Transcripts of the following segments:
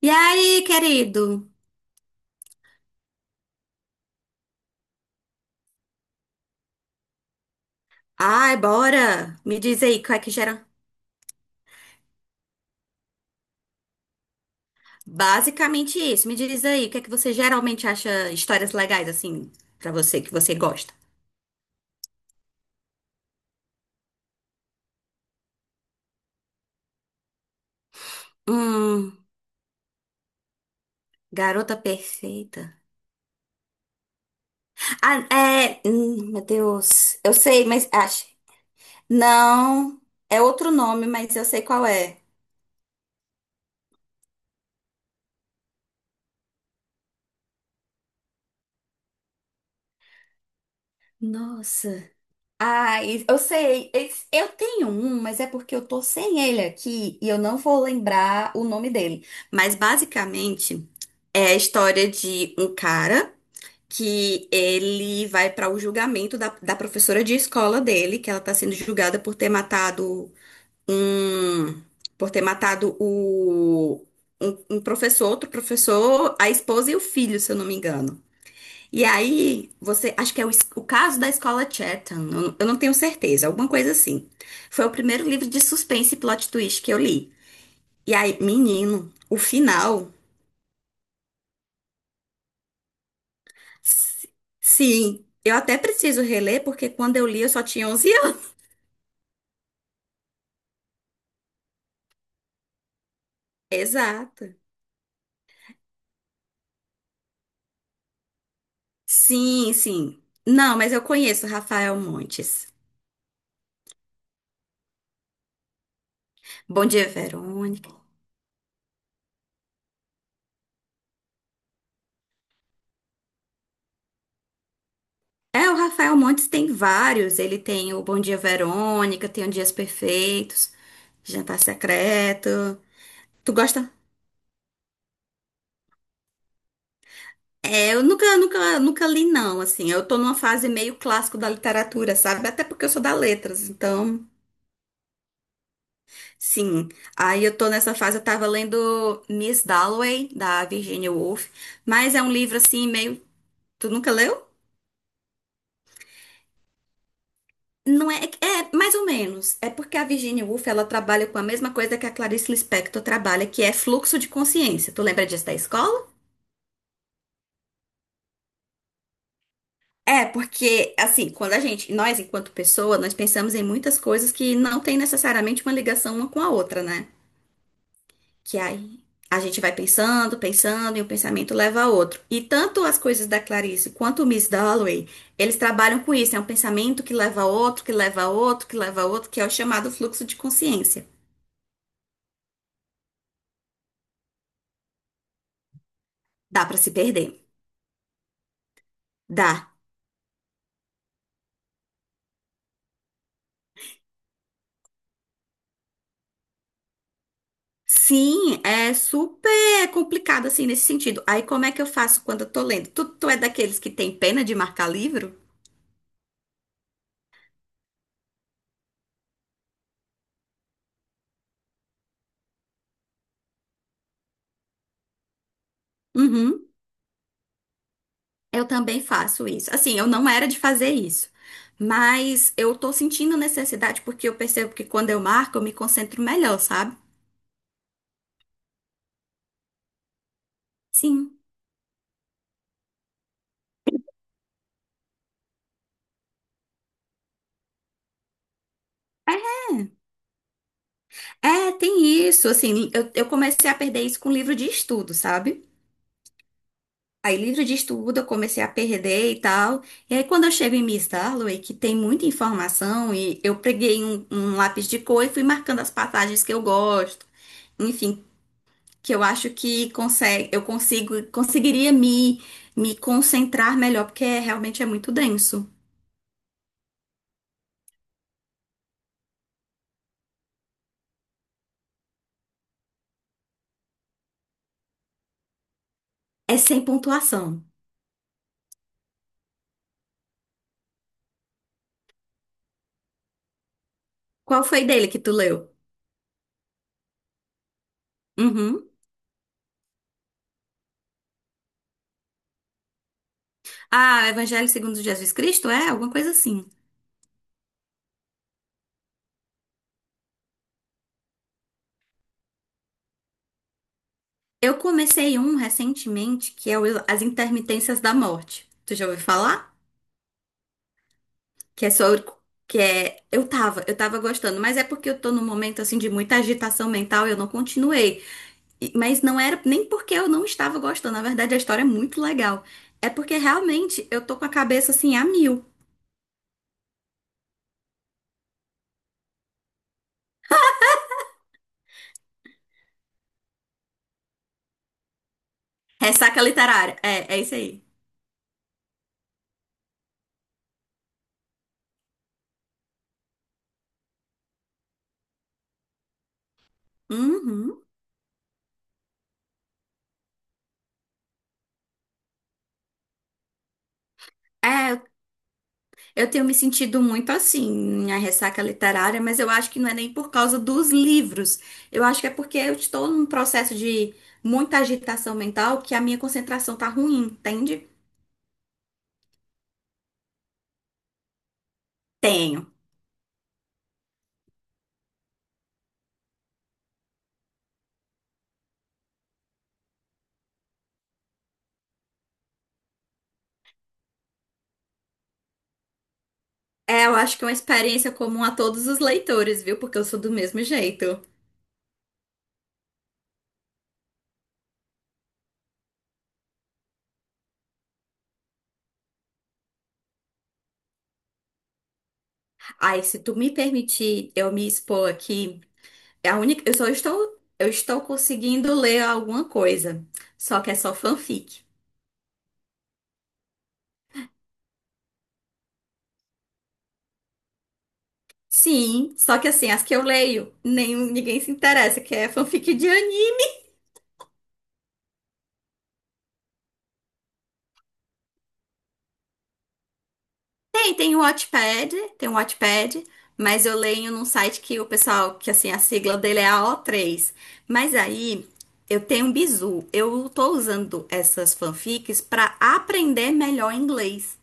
E aí, querido? Ai, bora! Me diz aí, o que é que gera? Basicamente isso. Me diz aí, o que é que você geralmente acha histórias legais, assim, pra você, que você gosta? Hum, Garota Perfeita. Ah, é. Meu Deus. Eu sei, mas acho. Não, é outro nome, mas eu sei qual é. Nossa. Ah, eu sei. Eu tenho um, mas é porque eu tô sem ele aqui e eu não vou lembrar o nome dele. Mas basicamente é a história de um cara que ele vai para o julgamento da professora de escola dele, que ela tá sendo julgada por ter matado um, por ter matado o um professor, outro professor, a esposa e o filho, se eu não me engano. E aí, você, acho que é o caso da escola Chatham, eu não tenho certeza, alguma coisa assim. Foi o primeiro livro de suspense e plot twist que eu li. E aí, menino, o final, s- sim, eu até preciso reler, porque quando eu li eu só tinha 11 anos. Exato. Sim, sim. Não, mas eu conheço o Rafael Montes. Bom dia, Verônica. É, o Rafael Montes tem vários. Ele tem o Bom Dia, Verônica, tem o Dias Perfeitos, Jantar Secreto. Tu gosta? É, eu nunca, nunca, nunca li, não, assim. Eu tô numa fase meio clássico da literatura, sabe? Até porque eu sou da letras, então, sim. Aí eu tô nessa fase, eu tava lendo Miss Dalloway, da Virginia Woolf, mas é um livro, assim, meio... Tu nunca leu? Não é... É, mais ou menos. É porque a Virginia Woolf, ela trabalha com a mesma coisa que a Clarice Lispector trabalha, que é fluxo de consciência. Tu lembra disso da escola? É, porque, assim, quando a gente, nós enquanto pessoa, nós pensamos em muitas coisas que não tem necessariamente uma ligação uma com a outra, né? Que aí a gente vai pensando, pensando, e um pensamento leva a outro. E tanto as coisas da Clarice quanto o Miss Dalloway, eles trabalham com isso. É um pensamento que leva a outro, que leva a outro, que leva a outro, que é o chamado fluxo de consciência. Dá pra se perder. Dá. Sim, é super complicado assim nesse sentido. Aí como é que eu faço quando eu tô lendo? Tu é daqueles que tem pena de marcar livro? Uhum, eu também faço isso. Assim, eu não era de fazer isso, mas eu tô sentindo necessidade porque eu percebo que quando eu marco, eu me concentro melhor, sabe? Sim. É, é, tem isso. Assim, eu comecei a perder isso com livro de estudo, sabe? Aí, livro de estudo, eu comecei a perder e tal. E aí, quando eu chego em Miss Dalloway, que tem muita informação, e eu peguei um lápis de cor e fui marcando as passagens que eu gosto. Enfim, que eu acho que consegue, eu consigo, conseguiria me concentrar melhor, porque realmente é muito denso. É sem pontuação. Qual foi dele que tu leu? Uhum. Ah, Evangelho segundo Jesus Cristo? É, alguma coisa assim. Eu comecei um recentemente, que é o As Intermitências da Morte. Tu já ouviu falar? Que é sobre... Que é... Eu tava gostando, mas é porque eu tô num momento, assim, de muita agitação mental e eu não continuei. E- Mas não era nem porque eu não estava gostando. Na verdade, a história é muito legal. É porque realmente eu tô com a cabeça assim a mil. Ressaca literária. É, é isso aí. Uhum. É, eu tenho me sentido muito assim, a ressaca literária, mas eu acho que não é nem por causa dos livros. Eu acho que é porque eu estou num processo de muita agitação mental que a minha concentração tá ruim, entende? Tenho. É, eu acho que é uma experiência comum a todos os leitores, viu? Porque eu sou do mesmo jeito. Ai, se tu me permitir eu me expor aqui, é a única, eu só estou, eu estou conseguindo ler alguma coisa, só que é só fanfic. Sim, só que assim, as que eu leio, nem, ninguém se interessa, que é fanfic de anime. Tem o Wattpad, mas eu leio num site que o pessoal, que assim, a sigla dele é AO3. Mas aí, eu tenho um bizu, eu tô usando essas fanfics para aprender melhor inglês.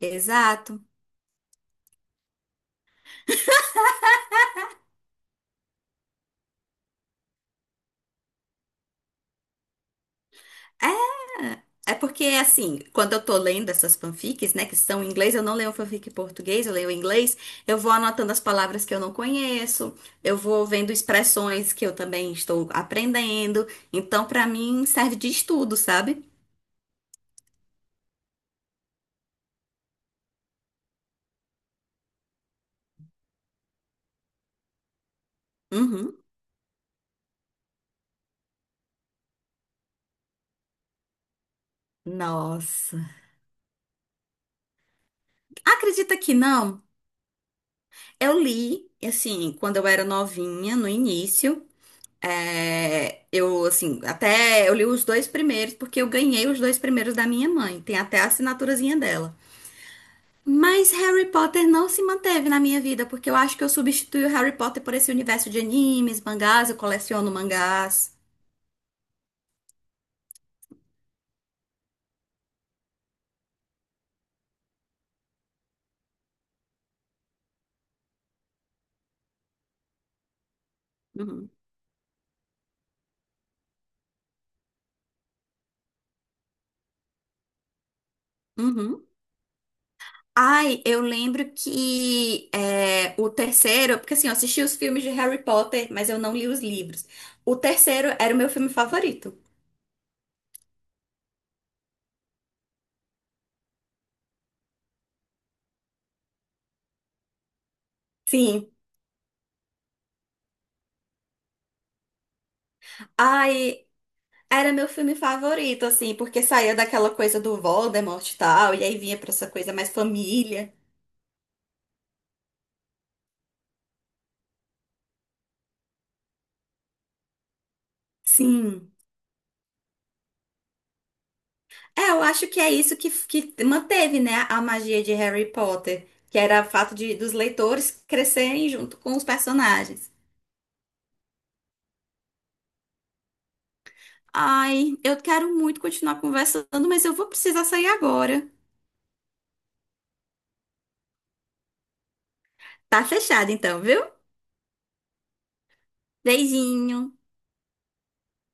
Exato. É, É porque, assim, quando eu tô lendo essas fanfics, né, que são em inglês, eu não leio fanfic em português, eu leio em inglês, eu vou anotando as palavras que eu não conheço, eu vou vendo expressões que eu também estou aprendendo. Então, pra mim, serve de estudo, sabe? Uhum. Nossa. Acredita que não? Eu li, assim, quando eu era novinha, no início. É, eu, assim, até eu li os dois primeiros, porque eu ganhei os dois primeiros da minha mãe. Tem até a assinaturazinha dela. Mas Harry Potter não se manteve na minha vida, porque eu acho que eu substituí o Harry Potter por esse universo de animes, mangás, eu coleciono mangás. Uhum. Uhum. Ai, eu lembro que é, o terceiro, porque assim, eu assisti os filmes de Harry Potter, mas eu não li os livros. O terceiro era o meu filme favorito. Sim. Ai, era meu filme favorito, assim, porque saía daquela coisa do Voldemort e tal, e aí vinha pra essa coisa mais família. Sim. É, eu acho que é isso que manteve, né, a magia de Harry Potter, que era o fato de, dos leitores crescerem junto com os personagens. Ai, eu quero muito continuar conversando, mas eu vou precisar sair agora. Tá fechado então, viu? Beijinho.